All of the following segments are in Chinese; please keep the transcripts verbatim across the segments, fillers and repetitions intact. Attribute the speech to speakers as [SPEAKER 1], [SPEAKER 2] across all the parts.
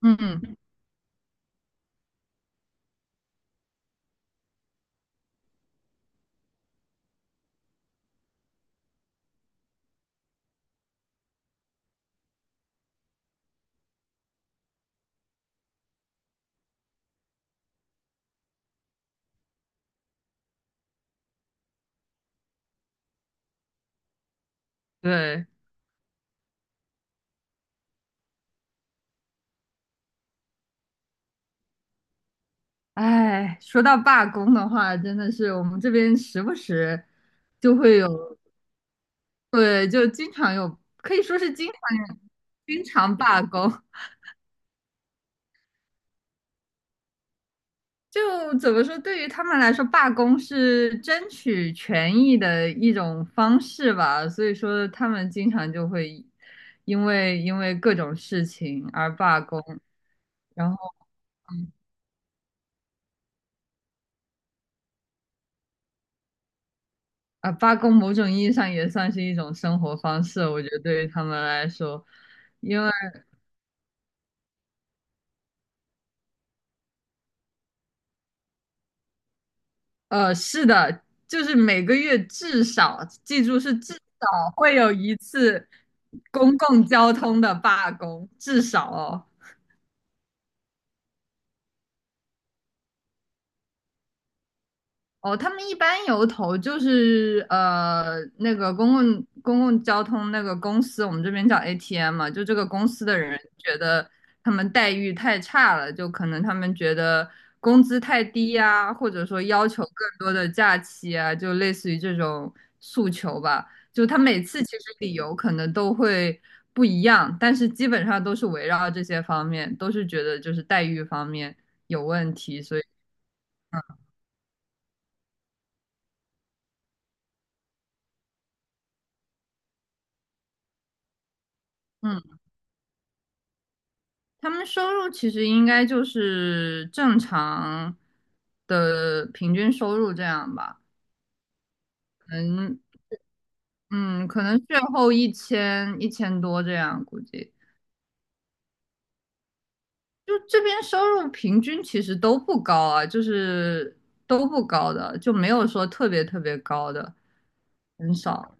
[SPEAKER 1] 嗯，对，哎，说到罢工的话，真的是我们这边时不时就会有，对，就经常有，可以说是经常有经常罢工。就怎么说，对于他们来说，罢工是争取权益的一种方式吧。所以说，他们经常就会因为因为各种事情而罢工，然后。啊，罢工某种意义上也算是一种生活方式，我觉得对于他们来说，因为呃，是的，就是每个月至少，记住是至少会有一次公共交通的罢工，至少哦。哦，他们一般由头就是呃那个公共公共交通那个公司，我们这边叫 A T M 嘛，就这个公司的人觉得他们待遇太差了，就可能他们觉得工资太低呀，或者说要求更多的假期啊，就类似于这种诉求吧。就他每次其实理由可能都会不一样，但是基本上都是围绕这些方面，都是觉得就是待遇方面有问题，所以。嗯。他们收入其实应该就是正常的平均收入这样吧，可能嗯，可能税后一千一千多这样估计。就这边收入平均其实都不高啊，就是都不高的，就没有说特别特别高的，很少。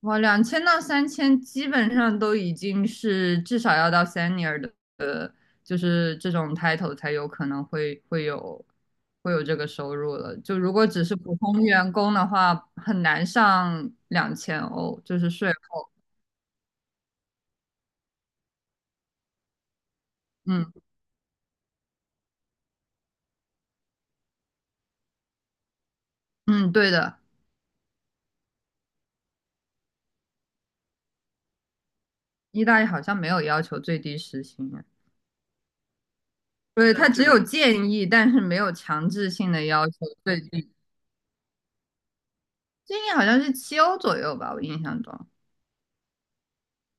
[SPEAKER 1] 哇，两千到三千基本上都已经是至少要到 senior 的，呃就是这种 title 才有可能会会有会有这个收入了。就如果只是普通员工的话，很难上两千欧，就是税后。嗯嗯，对的，意大利好像没有要求最低时薪啊。对，他它只有建议，但是没有强制性的要求最低。建议好像是七欧左右吧，我印象中。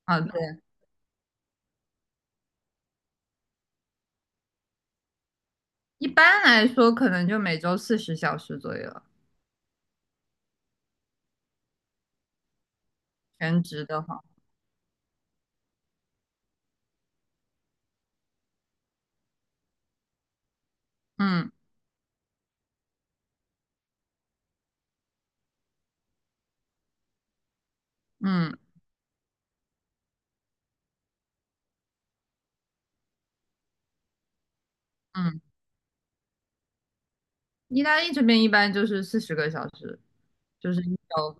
[SPEAKER 1] 啊，对。一般来说可能就每周四十小时左右，全职的话，嗯。嗯嗯，意大利这边一般就是四十个小时，就是一周。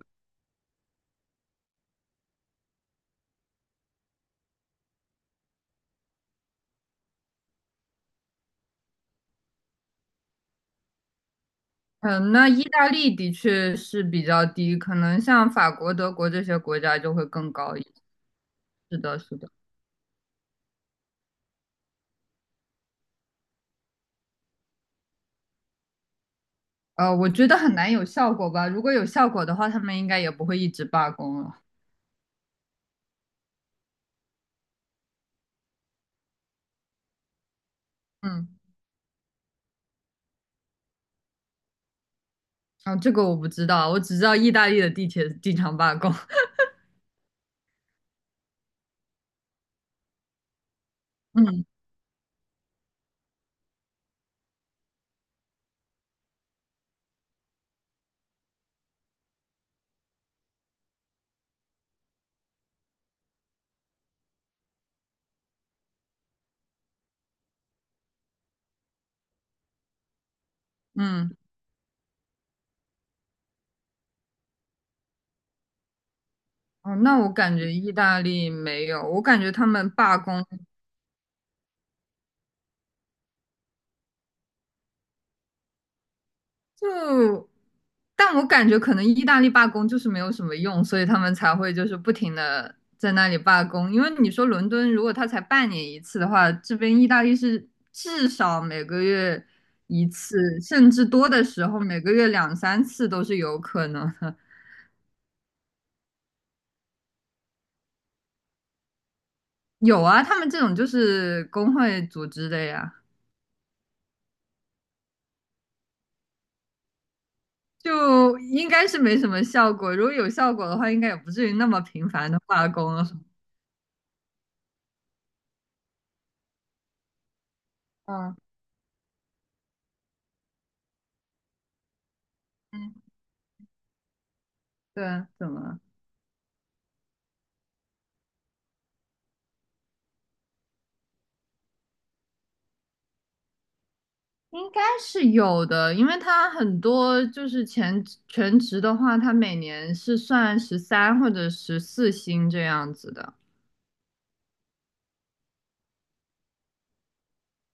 [SPEAKER 1] 嗯，那意大利的确是比较低，可能像法国、德国这些国家就会更高一些。是的，是的，呃，我觉得很难有效果吧，如果有效果的话，他们应该也不会一直罢工了。嗯，哦，这个我不知道，我只知道意大利的地铁经常罢工。嗯嗯。哦，那我感觉意大利没有，我感觉他们罢工就，但我感觉可能意大利罢工就是没有什么用，所以他们才会就是不停的在那里罢工。因为你说伦敦如果他才半年一次的话，这边意大利是至少每个月一次，甚至多的时候每个月两三次都是有可能的。有啊，他们这种就是工会组织的呀。就应该是没什么效果。如果有效果的话，应该也不至于那么频繁的罢工了。嗯，嗯，对啊，怎么了？应该是有的，因为他很多就是全全职的话，他每年是算十三或者十四薪这样子的。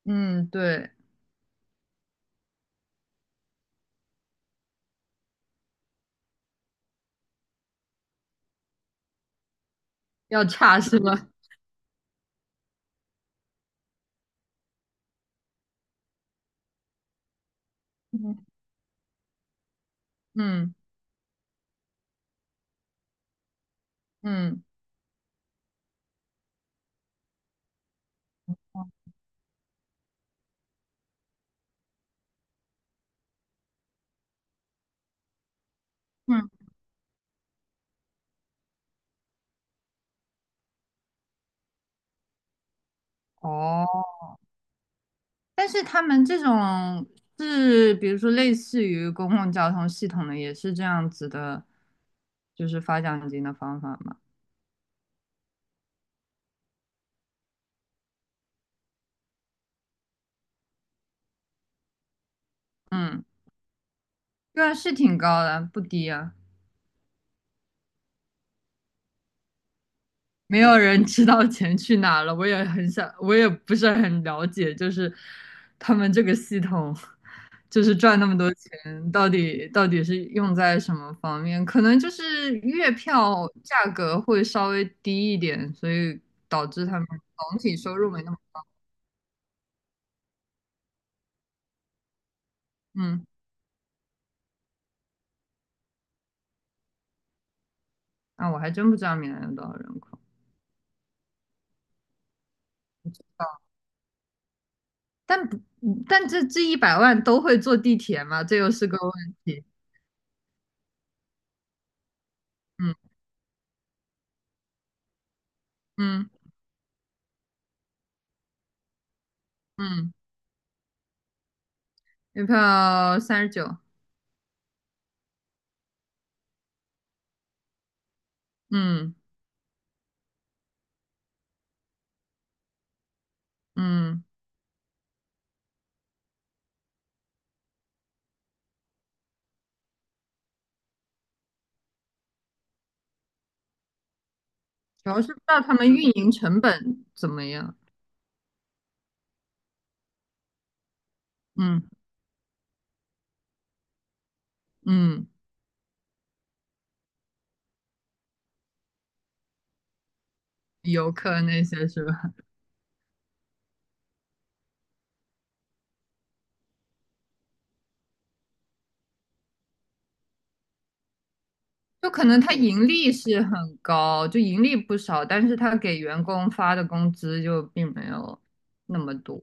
[SPEAKER 1] 嗯，对，要差是吧？嗯嗯嗯嗯嗯。哦，但是他们这种是，比如说类似于公共交通系统的，也是这样子的，就是发奖金的方法嘛。嗯，对，啊，是挺高的，不低啊。没有人知道钱去哪了，我也很想，我也不是很了解，就是他们这个系统，就是赚那么多钱，到底到底是用在什么方面？可能就是月票价格会稍微低一点，所以导致他们总体收入没那么，嗯。啊，我还真不知道米兰有多少人口，但不，嗯但这这一百万都会坐地铁吗？这又是个问题。嗯嗯嗯，月票三十九。嗯嗯，主要是不知道他们运营成本怎么样。嗯嗯，游客那些是吧？就可能他盈利是很高，就盈利不少，但是他给员工发的工资就并没有那么多。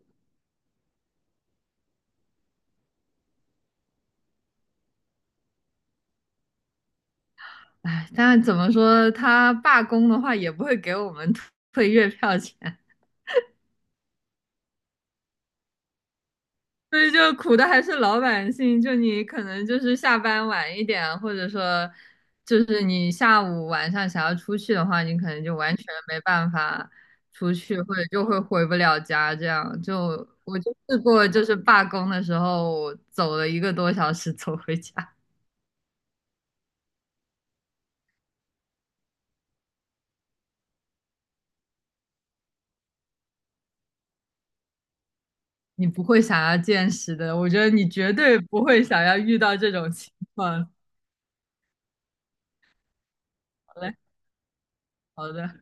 [SPEAKER 1] 哎，但怎么说，他罢工的话也不会给我们退 退月票钱，所以就苦的还是老百姓。就你可能就是下班晚一点，或者说就是你下午晚上想要出去的话，你可能就完全没办法出去，或者就会回不了家。这样就我就试过，就是罢工的时候走了一个多小时走回家。你不会想要见识的，我觉得你绝对不会想要遇到这种情况。好嘞，好的。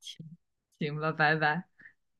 [SPEAKER 1] 行，行吧，拜拜。